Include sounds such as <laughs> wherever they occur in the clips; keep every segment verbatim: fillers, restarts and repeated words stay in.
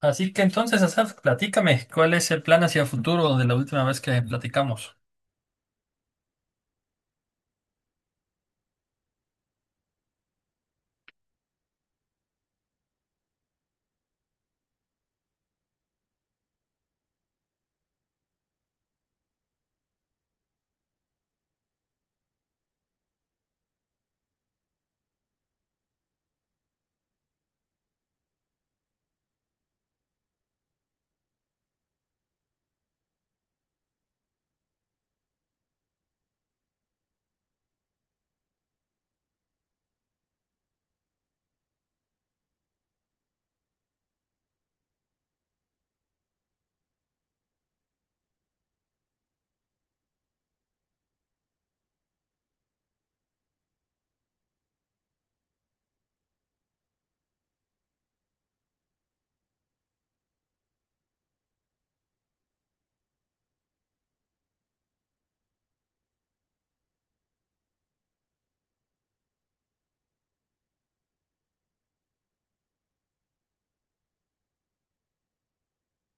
Así que entonces, Asaf, platícame, ¿cuál es el plan hacia futuro de la última vez que platicamos?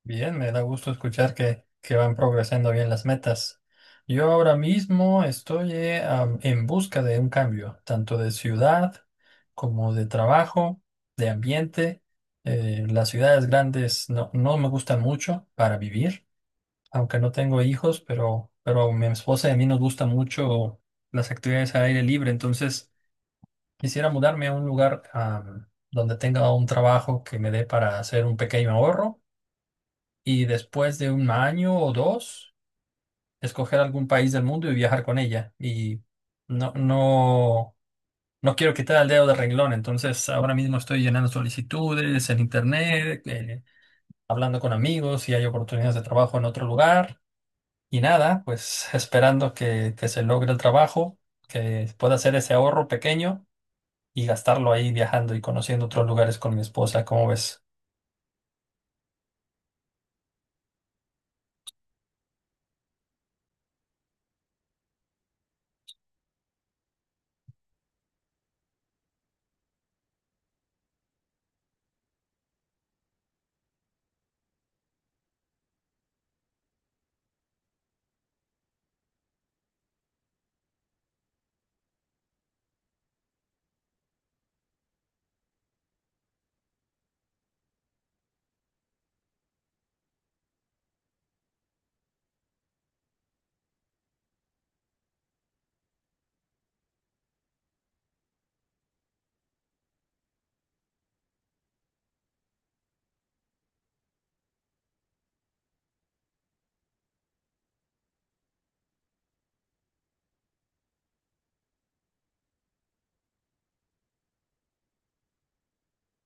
Bien, me da gusto escuchar que, que van progresando bien las metas. Yo ahora mismo estoy eh, am, en busca de un cambio, tanto de ciudad como de trabajo, de ambiente. Eh, las ciudades grandes no, no me gustan mucho para vivir, aunque no tengo hijos, pero, pero a mi esposa y a mí nos gusta mucho las actividades al aire libre, entonces... Quisiera mudarme a un lugar am, donde tenga un trabajo que me dé para hacer un pequeño ahorro y después de un año o dos, escoger algún país del mundo y viajar con ella. Y no, no, no quiero quitar el dedo del renglón. Entonces ahora mismo estoy llenando solicitudes en internet, eh, hablando con amigos si hay oportunidades de trabajo en otro lugar y nada, pues <laughs> esperando que, que se logre el trabajo, que pueda hacer ese ahorro pequeño y gastarlo ahí viajando y conociendo otros lugares con mi esposa. ¿Cómo ves?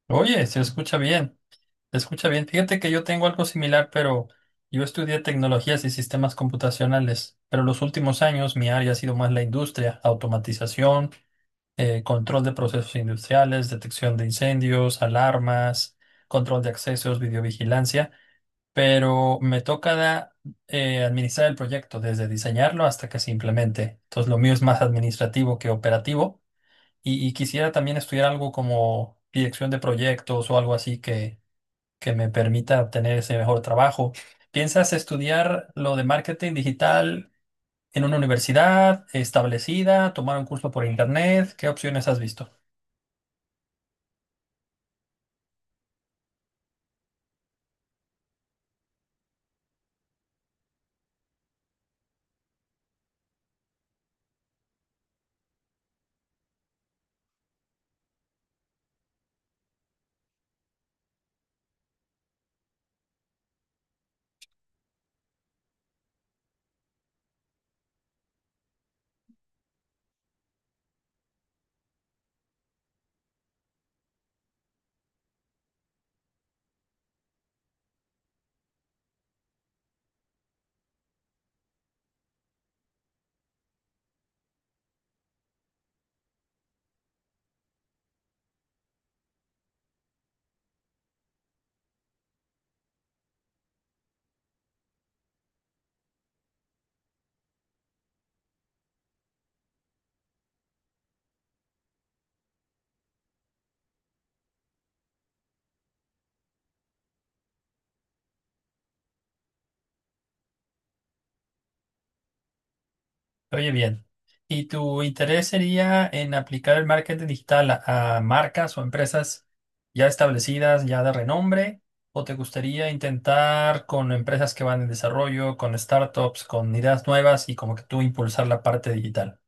Oye, se escucha bien, se escucha bien. Fíjate que yo tengo algo similar, pero yo estudié tecnologías y sistemas computacionales, pero los últimos años mi área ha sido más la industria, automatización, eh, control de procesos industriales, detección de incendios, alarmas, control de accesos, videovigilancia, pero me toca da- eh, administrar el proyecto desde diseñarlo hasta que se implemente. Entonces lo mío es más administrativo que operativo. Y, y quisiera también estudiar algo como dirección de proyectos o algo así que, que me permita obtener ese mejor trabajo. ¿Piensas estudiar lo de marketing digital en una universidad establecida, tomar un curso por internet? ¿Qué opciones has visto? Oye, bien. ¿Y tu interés sería en aplicar el marketing digital a, a marcas o empresas ya establecidas, ya de renombre? ¿O te gustaría intentar con empresas que van en desarrollo, con startups, con ideas nuevas y como que tú impulsar la parte digital?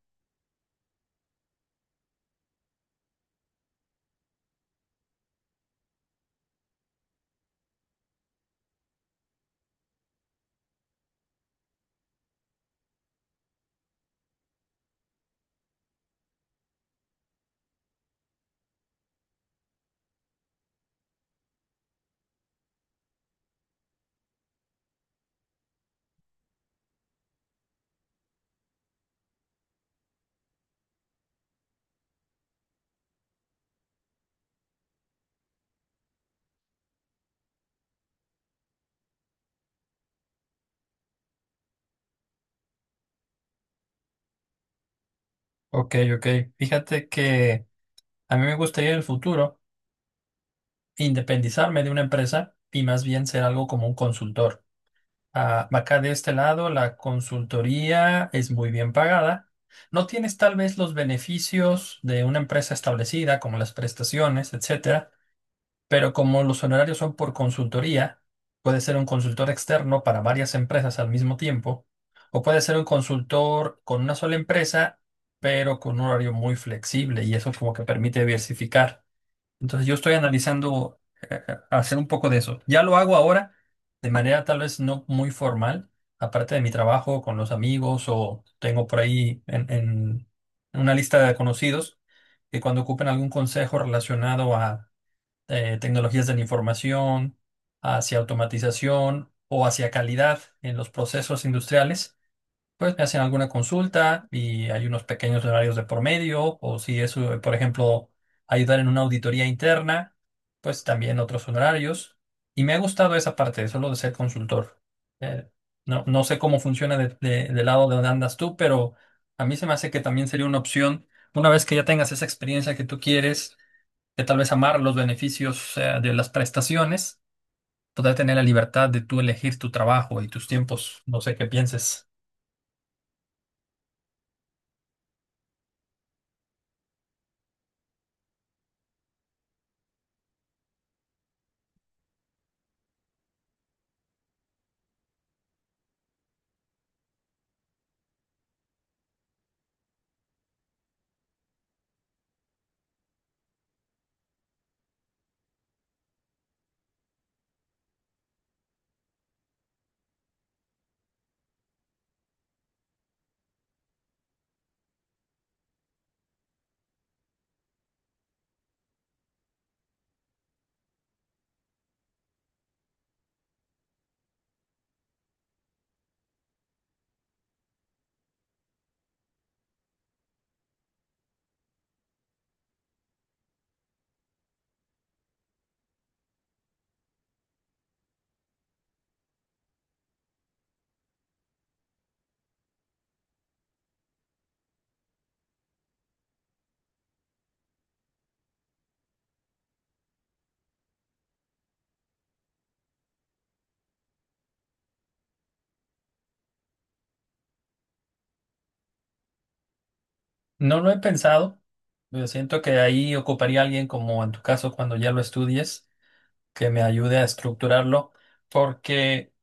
Ok, ok. Fíjate que a mí me gustaría en el futuro independizarme de una empresa y más bien ser algo como un consultor. Ah, acá de este lado, la consultoría es muy bien pagada. No tienes tal vez los beneficios de una empresa establecida, como las prestaciones, etcétera, pero como los honorarios son por consultoría, puede ser un consultor externo para varias empresas al mismo tiempo, o puede ser un consultor con una sola empresa, pero con un horario muy flexible, y eso como que permite diversificar. Entonces yo estoy analizando eh, eh, hacer un poco de eso. Ya lo hago ahora de manera tal vez no muy formal, aparte de mi trabajo con los amigos, o tengo por ahí en, en una lista de conocidos que cuando ocupen algún consejo relacionado a eh, tecnologías de la información, hacia automatización o hacia calidad en los procesos industriales, pues me hacen alguna consulta y hay unos pequeños horarios de por medio, o si es, eh, por ejemplo, ayudar en una auditoría interna, pues también otros honorarios. Y me ha gustado esa parte, solo de ser consultor. Eh, no, no sé cómo funciona de- de- del lado de donde andas tú, pero a mí se me hace que también sería una opción, una vez que ya tengas esa experiencia que tú quieres, de tal vez amar los beneficios, eh, de las prestaciones, poder tener la libertad de tú elegir tu trabajo y tus tiempos. No sé qué pienses. No lo he pensado, pero siento que ahí ocuparía a alguien como en tu caso cuando ya lo estudies, que me ayude a estructurarlo, porque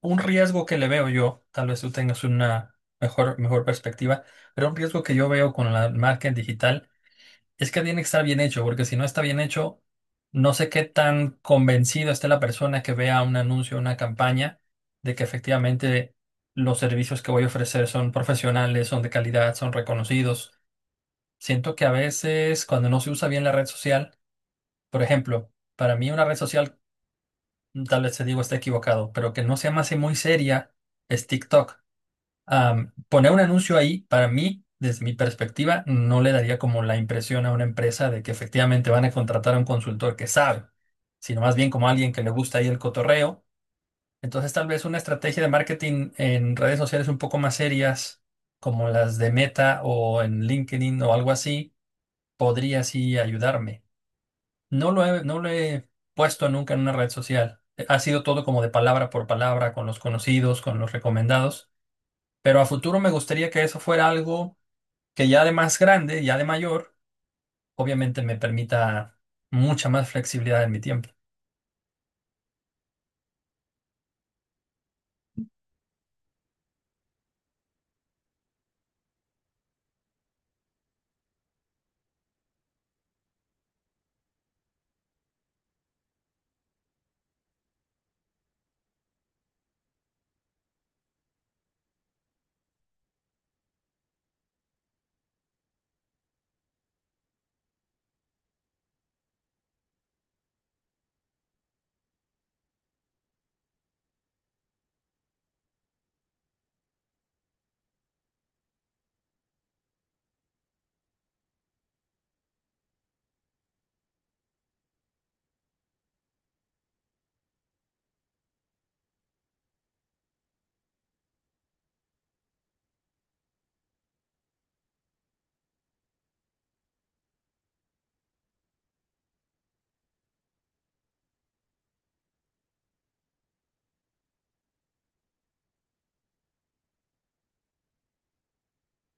un riesgo que le veo yo, tal vez tú tengas una mejor, mejor perspectiva, pero un riesgo que yo veo con la marca en digital es que tiene que estar bien hecho, porque si no está bien hecho, no sé qué tan convencido esté la persona que vea un anuncio, una campaña, de que efectivamente los servicios que voy a ofrecer son profesionales, son de calidad, son reconocidos. Siento que a veces cuando no se usa bien la red social, por ejemplo, para mí una red social, mm, tal vez te digo está equivocado, pero que no se me hace muy seria, es TikTok. Am, poner un anuncio ahí, para mí, desde mi perspectiva, no le daría como la impresión a una empresa de que efectivamente van a contratar a un consultor que sabe, sino más bien como alguien que le gusta ahí el cotorreo. Entonces, tal vez una estrategia de marketing en redes sociales un poco más serias, como las de Meta o en LinkedIn o algo así, podría sí ayudarme. No lo he, no lo he puesto nunca en una red social. Ha sido todo como de palabra por palabra, con los conocidos, con los recomendados. Pero a futuro me gustaría que eso fuera algo que ya de más grande, ya de mayor, obviamente me permita mucha más flexibilidad en mi tiempo.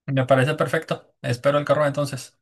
Me parece perfecto. Espero el carro entonces.